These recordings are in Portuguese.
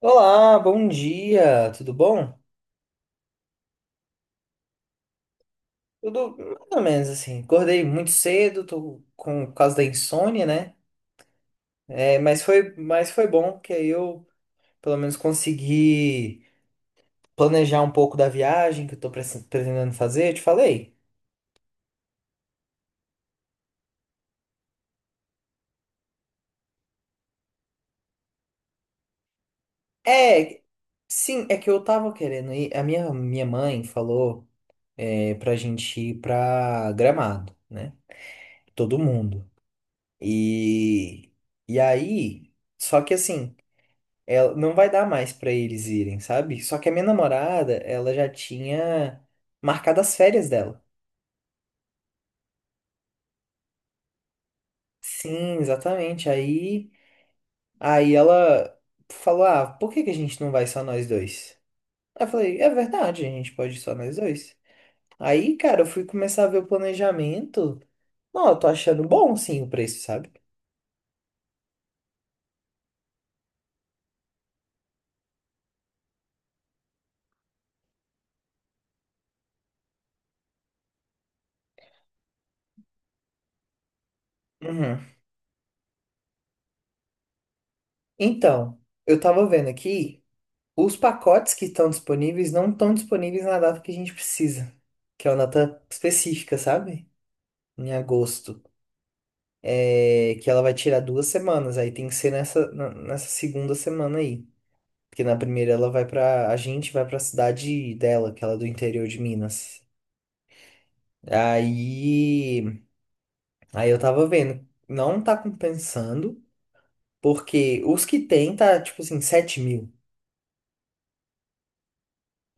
Olá, bom dia, tudo bom? Tudo mais ou menos assim. Acordei muito cedo, tô com por causa da insônia, né? É, mas foi bom que aí eu pelo menos consegui planejar um pouco da viagem que eu tô pretendendo fazer. Eu te falei? É, sim, é que eu tava querendo ir. A minha mãe falou pra gente ir pra Gramado, né? Todo mundo. E, e aí, só que assim. Ela não vai dar mais pra eles irem, sabe? Só que a minha namorada, ela já tinha marcado as férias dela. Sim, exatamente. Aí ela falou: "Ah, por que que a gente não vai só nós dois?" Aí eu falei: "É verdade, a gente pode ir só nós dois." Aí, cara, eu fui começar a ver o planejamento. Não, eu tô achando bom sim o preço, sabe? Uhum. Então, eu tava vendo aqui, os pacotes que estão disponíveis não estão disponíveis na data que a gente precisa, que é uma data específica, sabe? Em agosto, que ela vai tirar 2 semanas, aí tem que ser nessa segunda semana aí. Porque na primeira ela vai pra. A gente vai pra cidade dela, que ela é do interior de Minas. Aí. Aí eu tava vendo, não tá compensando, porque os que tem tá tipo assim, 7 mil.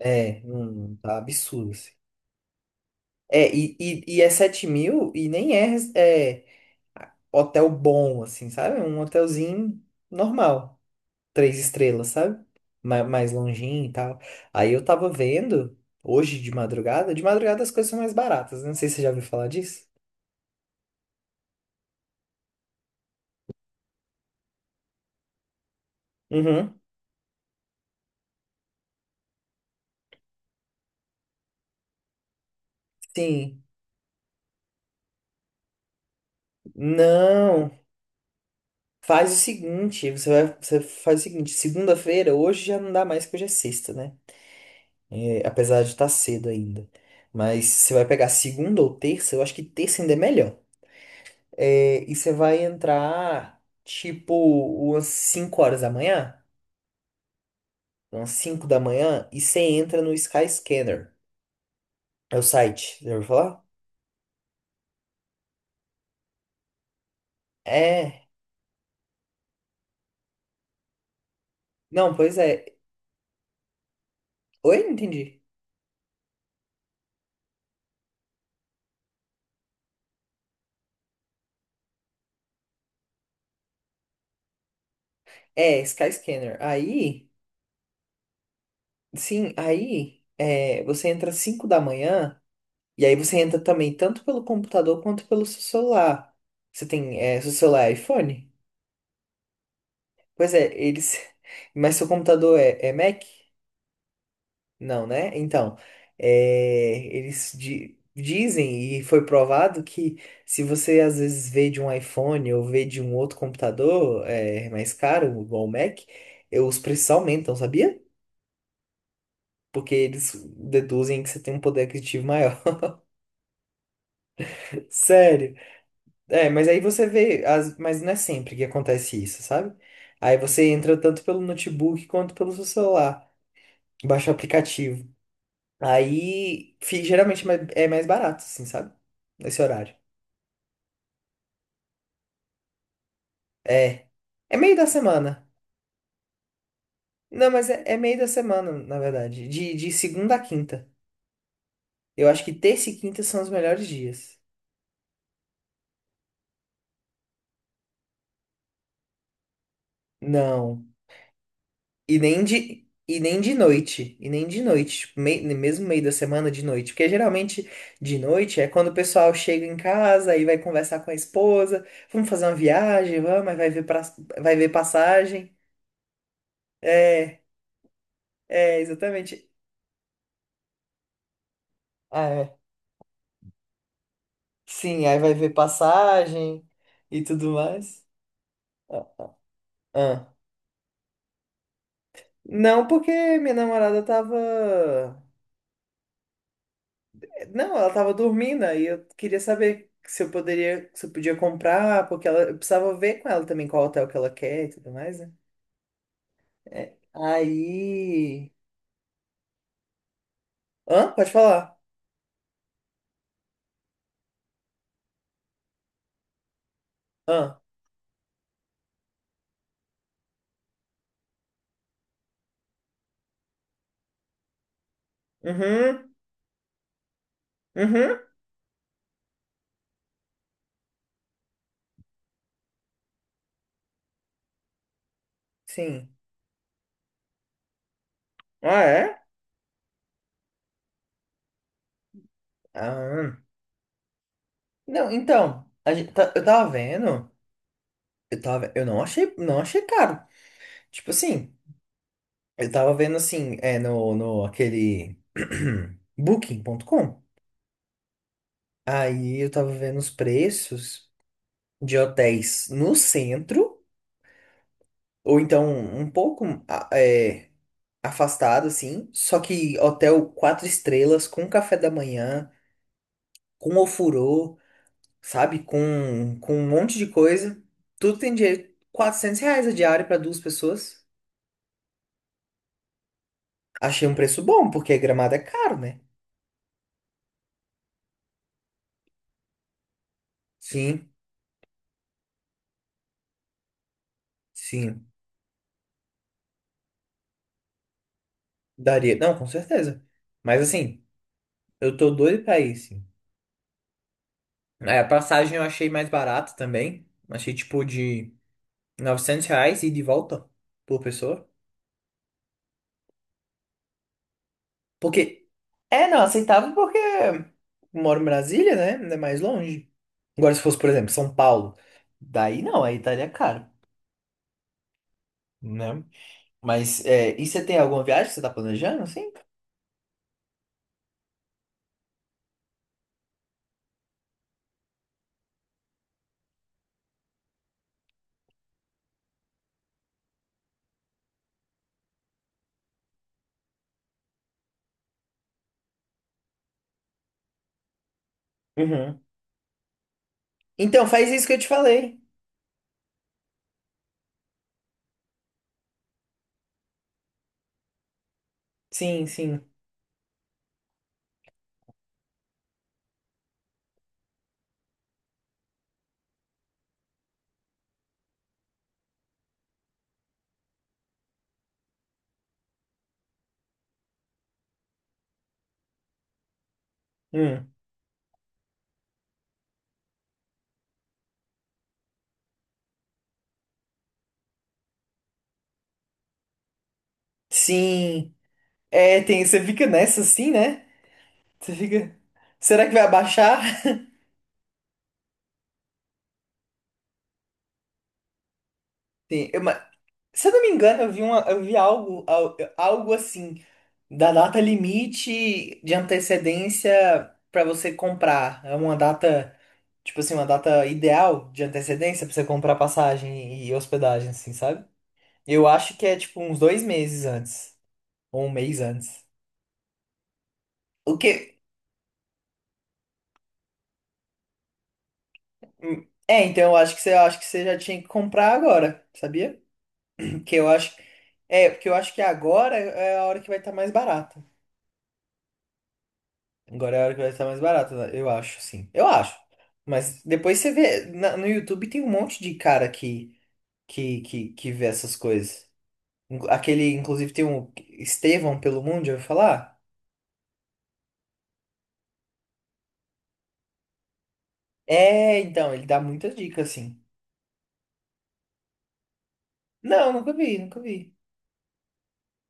É, não, tá absurdo, assim. E é 7 mil e nem é, é hotel bom, assim, sabe? É um hotelzinho normal. Três estrelas, sabe? Mais longinho e tal. Aí eu tava vendo, hoje de madrugada as coisas são mais baratas, né? Não sei se você já ouviu falar disso. Uhum. Sim. Não. Faz o seguinte, você vai, você faz o seguinte, segunda-feira, hoje já não dá mais, porque hoje é sexta, né? É, apesar de estar cedo ainda. Mas você vai pegar segunda ou terça, eu acho que terça ainda é melhor. É, e você vai entrar, tipo, umas 5 horas da manhã. Umas 5 da manhã, e você entra no Skyscanner. É o site, já ouviu falar? É. Não, pois é. Oi, não entendi. É, Skyscanner. Aí, sim, aí é, você entra às 5 da manhã, e aí você entra também tanto pelo computador quanto pelo seu celular. Você tem, é, seu celular é iPhone? Pois é, eles. Mas seu computador é, é Mac? Não, né? Então, é, eles dizem, e foi provado, que se você às vezes vê de um iPhone ou vê de um outro computador é, mais caro, igual o Mac, os preços aumentam, sabia? Porque eles deduzem que você tem um poder aquisitivo maior. Sério. É, mas aí você vê, mas não é sempre que acontece isso, sabe? Aí você entra tanto pelo notebook quanto pelo seu celular. Baixa o aplicativo. Aí, geralmente é mais barato, assim, sabe? Nesse horário. É. É meio da semana. Não, mas é, é meio da semana, na verdade. De segunda a quinta. Eu acho que terça e quinta são os melhores dias. Não. E nem de noite. E nem de noite. Tipo, mesmo meio da semana, de noite. Porque geralmente de noite é quando o pessoal chega em casa e vai conversar com a esposa. Vamos fazer uma viagem, vamos, aí vai ver, pra, vai ver passagem. É, é, exatamente. Ah, é. Sim, aí vai ver passagem e tudo mais. Ah. Ah. Não, porque minha namorada tava. Não, ela tava dormindo, aí eu queria saber se eu poderia, se eu podia comprar, porque ela, eu precisava ver com ela também qual hotel que ela quer e tudo mais, né? É, aí. Hã? Pode falar. Hã? Uhum. Uhum. Sim. Ah, é? Ah. Não, então, a gente tá- eu tava vendo. Eu tava, eu não achei, não achei caro. Tipo assim. Eu tava vendo assim, é no aquele Booking.com. Aí eu tava vendo os preços de hotéis no centro, ou então um pouco afastado, assim. Só que hotel quatro estrelas, com café da manhã, com ofurô, sabe? Com um monte de coisa. Tudo tem direito. R$ 400 a diária para duas pessoas. Achei um preço bom, porque Gramado é caro, né? Sim, sim. Daria. Não, com certeza. Mas assim, eu tô doido pra ir, sim. É, a passagem eu achei mais barata também. Achei tipo de R$ 900 e de volta por pessoa. Porque. É, não, aceitável porque eu moro em Brasília, né? Ainda é mais longe. Agora, se fosse, por exemplo, São Paulo, daí não, aí estaria caro, né? Mas, é, e você tem alguma viagem que você tá planejando, assim? Uhum. Então, faz isso que eu te falei. Sim, sim. Hum. Sim, é, tem, você fica nessa assim, né? Você fica, será que vai abaixar? Sim, eu- mas- se eu não me engano, eu vi uma, eu vi algo assim, da data limite de antecedência para você comprar. É uma data, tipo assim, uma data ideal de antecedência para você comprar passagem e hospedagem, assim, sabe? Eu acho que é tipo uns 2 meses antes, ou um mês antes. O que? Hum, então eu acho que você, eu acho que você já tinha que comprar agora, sabia? Porque eu acho porque eu acho que agora é a hora que vai estar mais barata. Agora é a hora que vai estar mais barata, né? Eu acho, sim. Eu acho. Mas depois você vê. No YouTube tem um monte de cara que, que vê essas coisas. Aquele, inclusive, tem um Estevão pelo Mundo, já ouviu falar? É, então, ele dá muitas dicas, assim. Não, nunca vi, nunca vi.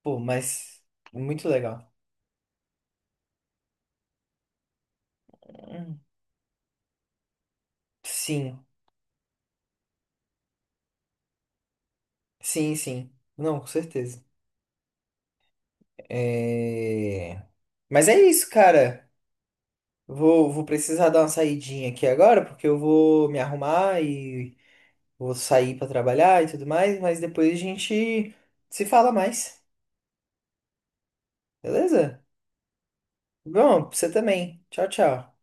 Pô, mas muito legal. Hum, Sim, sim, sim. Não, com certeza. É... Mas é isso, cara. Vou precisar dar uma saidinha aqui agora, porque eu vou me arrumar e vou sair para trabalhar e tudo mais, mas depois a gente se fala mais, beleza? Bom, pra você também. Tchau, tchau.